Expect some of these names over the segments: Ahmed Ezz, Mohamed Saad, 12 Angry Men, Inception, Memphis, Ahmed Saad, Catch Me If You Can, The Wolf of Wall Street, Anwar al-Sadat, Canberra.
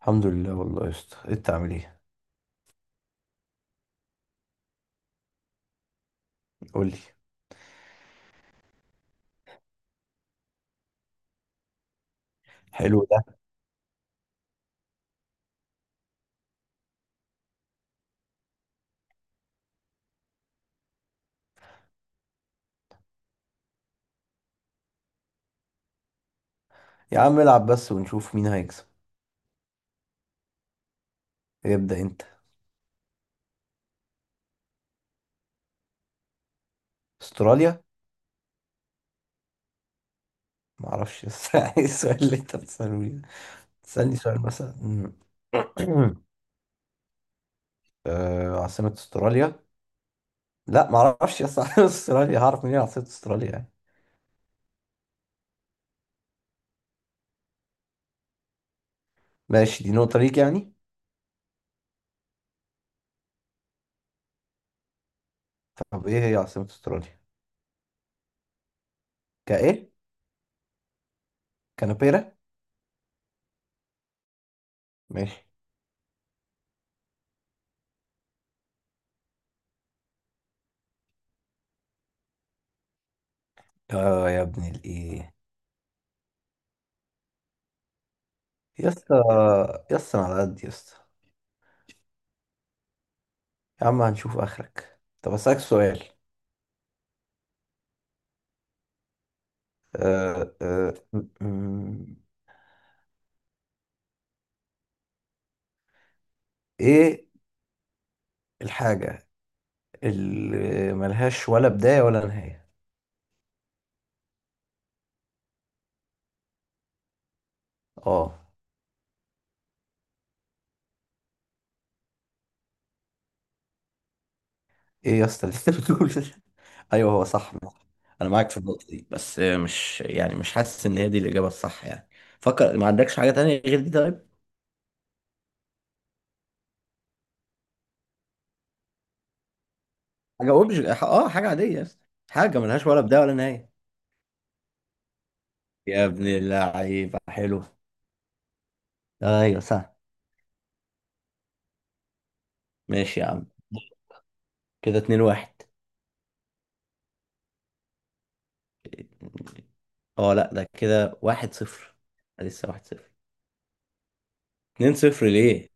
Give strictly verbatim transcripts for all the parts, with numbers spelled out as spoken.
الحمد لله، والله يا اسطى انت عامل ايه؟ قول لي. حلو ده. يا عم العب بس ونشوف مين هيكسب. ابدأ انت. استراليا. ما اعرفش بس ايه السؤال اللي انت بتسأله لي؟ تسألني سؤال مثلا. آه، عاصمة استراليا. لا ما اعرفش يا اسطى عاصمة استراليا هعرف منين؟ عاصمة استراليا يعني. ماشي دي نقطة ليك يعني. طب ايه هي عاصمة استراليا؟ كايه كانبيرا. ماشي. اه يا ابن الايه. يا اسطى يا اسطى، أنا على قد يا اسطى. يا عم هنشوف اخرك. طب اسألك سؤال. آه، آه، م- م- ايه الحاجة اللي ملهاش ولا بداية ولا نهاية؟ اه. ايه يا اسطى اللي انت بتقول ده؟ ايوه هو صح. انا معاك في النقطة دي، بس مش يعني مش حاسس ان هي دي الإجابة الصح يعني. فكر، ما عندكش حاجة تانية غير دي طيب؟ حاجة اوبج اه حاجة عادية يا اسطى. حاجة ملهاش ولا بداية ولا نهاية. يا ابن اللعيبة حلو. ايوه صح. ماشي يا عم. كده اتنين واحد. اه لا ده كده واحد صفر. لسه واحد صفر. اتنين صفر ليه؟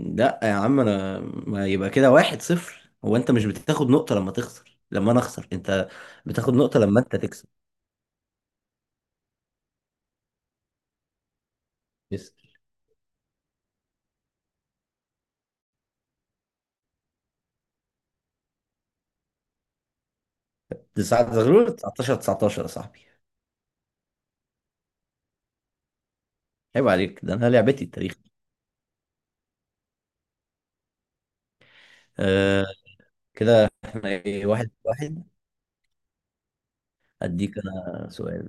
لا يا عم، انا ما يبقى كده واحد صفر. هو انت مش بتاخد نقطة لما تخسر؟ لما انا اخسر، انت بتاخد نقطة لما انت تكسب. بس تسعة تسعتاشر تسعتاشر يا صاحبي. عيب عليك، ده انا لعبتي التاريخ. آه. كده احنا ايه، واحد واحد. اديك انا سؤال.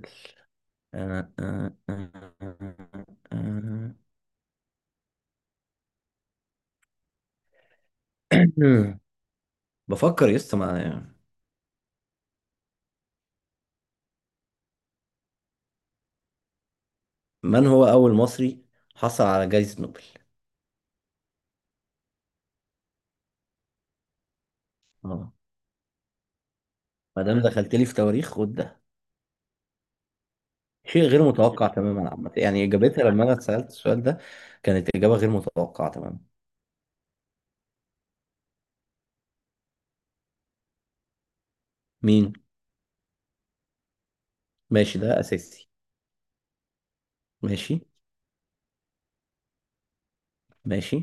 آه آه آه آه آه. بفكر يسطا. مع من هو اول مصري حصل على جائزة نوبل؟ اه، ما دام دخلت لي في تواريخ خد ده. شيء غير متوقع تماما عامة، يعني إجابتها لما أنا اتسألت السؤال ده كانت إجابة غير متوقعة تماما. مين؟ ماشي ده أساسي. ماشي. ماشي.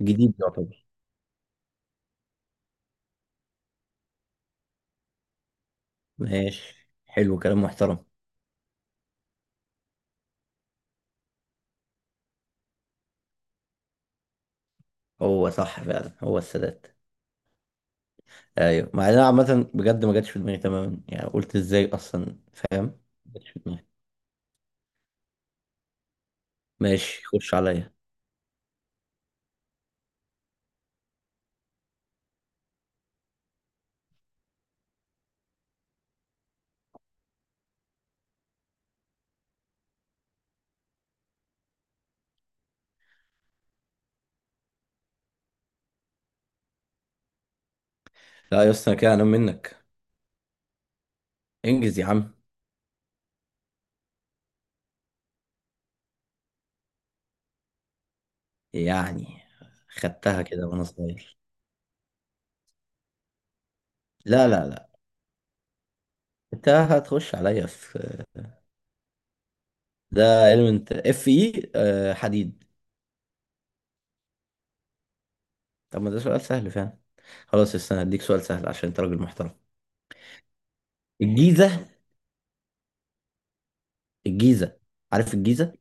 جديد يعتبر. ماشي حلو كلام محترم. هو صح فعلا، هو السادات. أيوه، مع إن أنا عامة بجد ما جاتش في دماغي تماما. يعني قلت إزاي أصلا، فاهم؟ ما جاتش في دماغي. ماشي، خش عليا. لا يا اسطى أنا كده أنام منك. انجز يا عم. يعني خدتها كده وأنا صغير. لا لا لا. أنت هتخش عليا في ده. element اف اي. حديد. طب ما ده سؤال سهل فعلا. خلاص استنى هديك سؤال سهل عشان انت راجل محترم. الجيزة. الجيزة. عارف الجيزة؟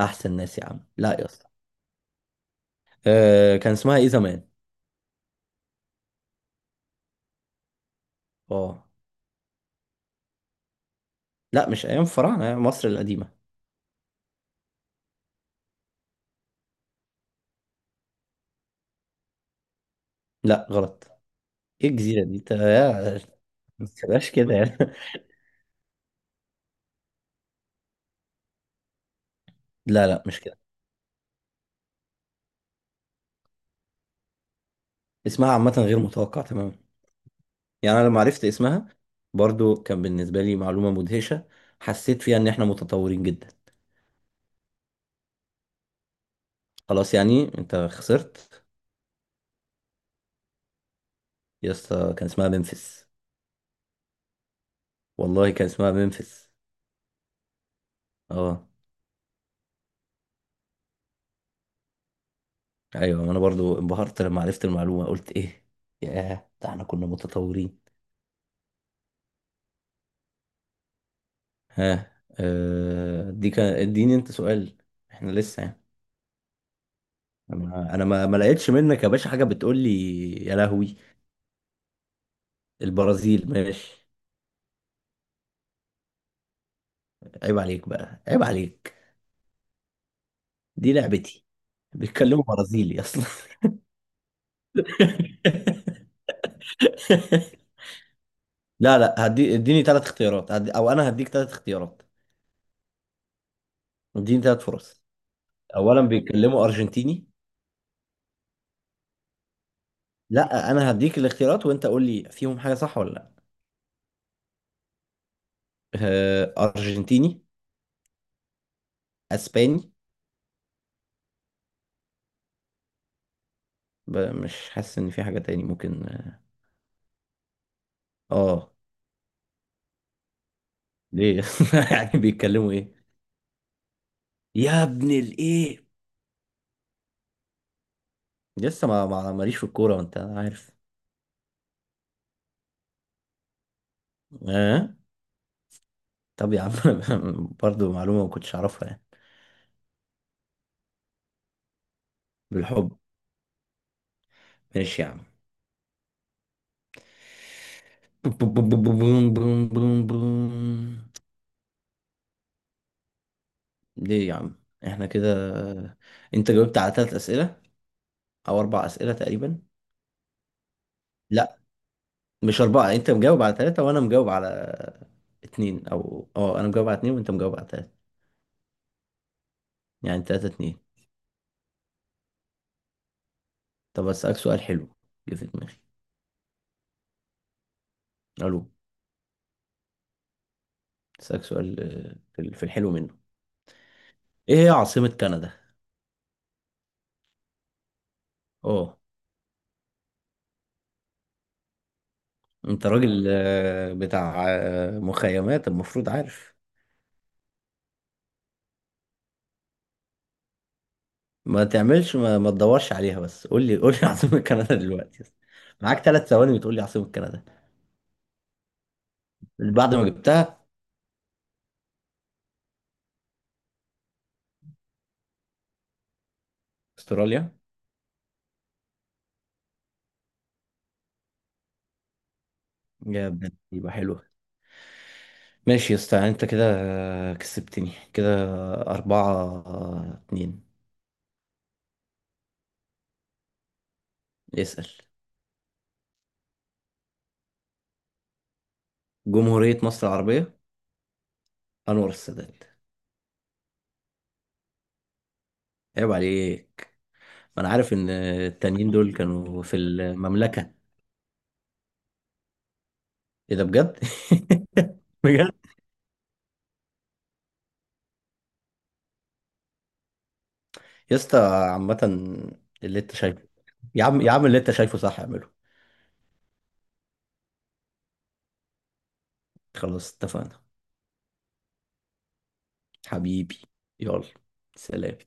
احسن ناس يا عم. لا يا اسطى. أه، كان اسمها ايه زمان؟ اه لا، مش ايام الفراعنة، أيام مصر القديمة. لا غلط. ايه الجزيرة دي انت يا؟ ما تبقاش كده يعني. لا لا مش كده. اسمها عامة غير متوقع تماما. يعني انا لما عرفت اسمها، برضو كان بالنسبة لي معلومة مدهشة. حسيت فيها ان احنا متطورين جدا. خلاص يعني انت خسرت. يا اسطى كان اسمها ممفيس. والله كان اسمها ممفيس. اه. ايوه، ما انا برضو انبهرت لما عرفت المعلومه. قلت ايه، ياه ده احنا كنا متطورين. ها. آه دي كان، اديني انت سؤال. احنا لسه يعني. انا انا ما, ما لقيتش منك يا باشا حاجه بتقول لي. يا لهوي. البرازيل، ماشي. عيب عليك بقى، عيب عليك. دي لعبتي. بيتكلموا برازيلي اصلا. لا لا، هدي اديني ثلاث اختيارات. هدي، او انا هديك ثلاث اختيارات. اديني ثلاث فرص. اولا بيتكلموا ارجنتيني. لا انا هديك الاختيارات وانت قول لي فيهم حاجه صح ولا لا. آه، ارجنتيني. اسباني. ب- مش حاسس ان في حاجه تاني ممكن. اه. ليه؟ يعني بيتكلموا ايه؟ يا ابن الايه. لسه ما ما- ماليش في الكوره وانت عارف. اه. طب يا عم برضو معلومه ما كنتش اعرفها يعني. بالحب. ماشي يا عم بوم بوم بوم بوم بوم بوم بوم. ليه يا عم؟ احنا كده، انت جاوبت على ثلاث اسئله او اربع اسئله تقريبا. لا مش اربعه، يعني انت مجاوب على ثلاثه وانا مجاوب على اتنين. او اه انا مجاوب على اتنين وانت مجاوب على ثلاثه. يعني ثلاثه اتنين. طب اسالك سؤال حلو جه في دماغي. الو. اسالك سؤال، آه، في ال- في الحلو منه. ايه هي عاصمه كندا؟ اه، انت راجل آه، بتاع آه، مخيمات، المفروض عارف. ما تعملش، ما, ما تدورش عليها، بس قول لي قول لي عاصمه كندا دلوقتي. معاك ثلاث ثواني بتقول لي عاصمه كندا. بعد ما جبتها. استراليا. يا ابن، يبقى حلو. ماشي يا اسطى، يعني انت كده كسبتني، كده أربعة اتنين. اسأل. جمهورية مصر العربية. أنور السادات. عيب عليك، ما أنا عارف إن التانيين دول كانوا في المملكة. إيه ده بجد؟ بجد؟ يا اسطى عامة اللي أنت شايفه. يا عم يا عم، اللي أنت شايفه صح اعمله. خلاص اتفقنا. حبيبي. يلا. سلام.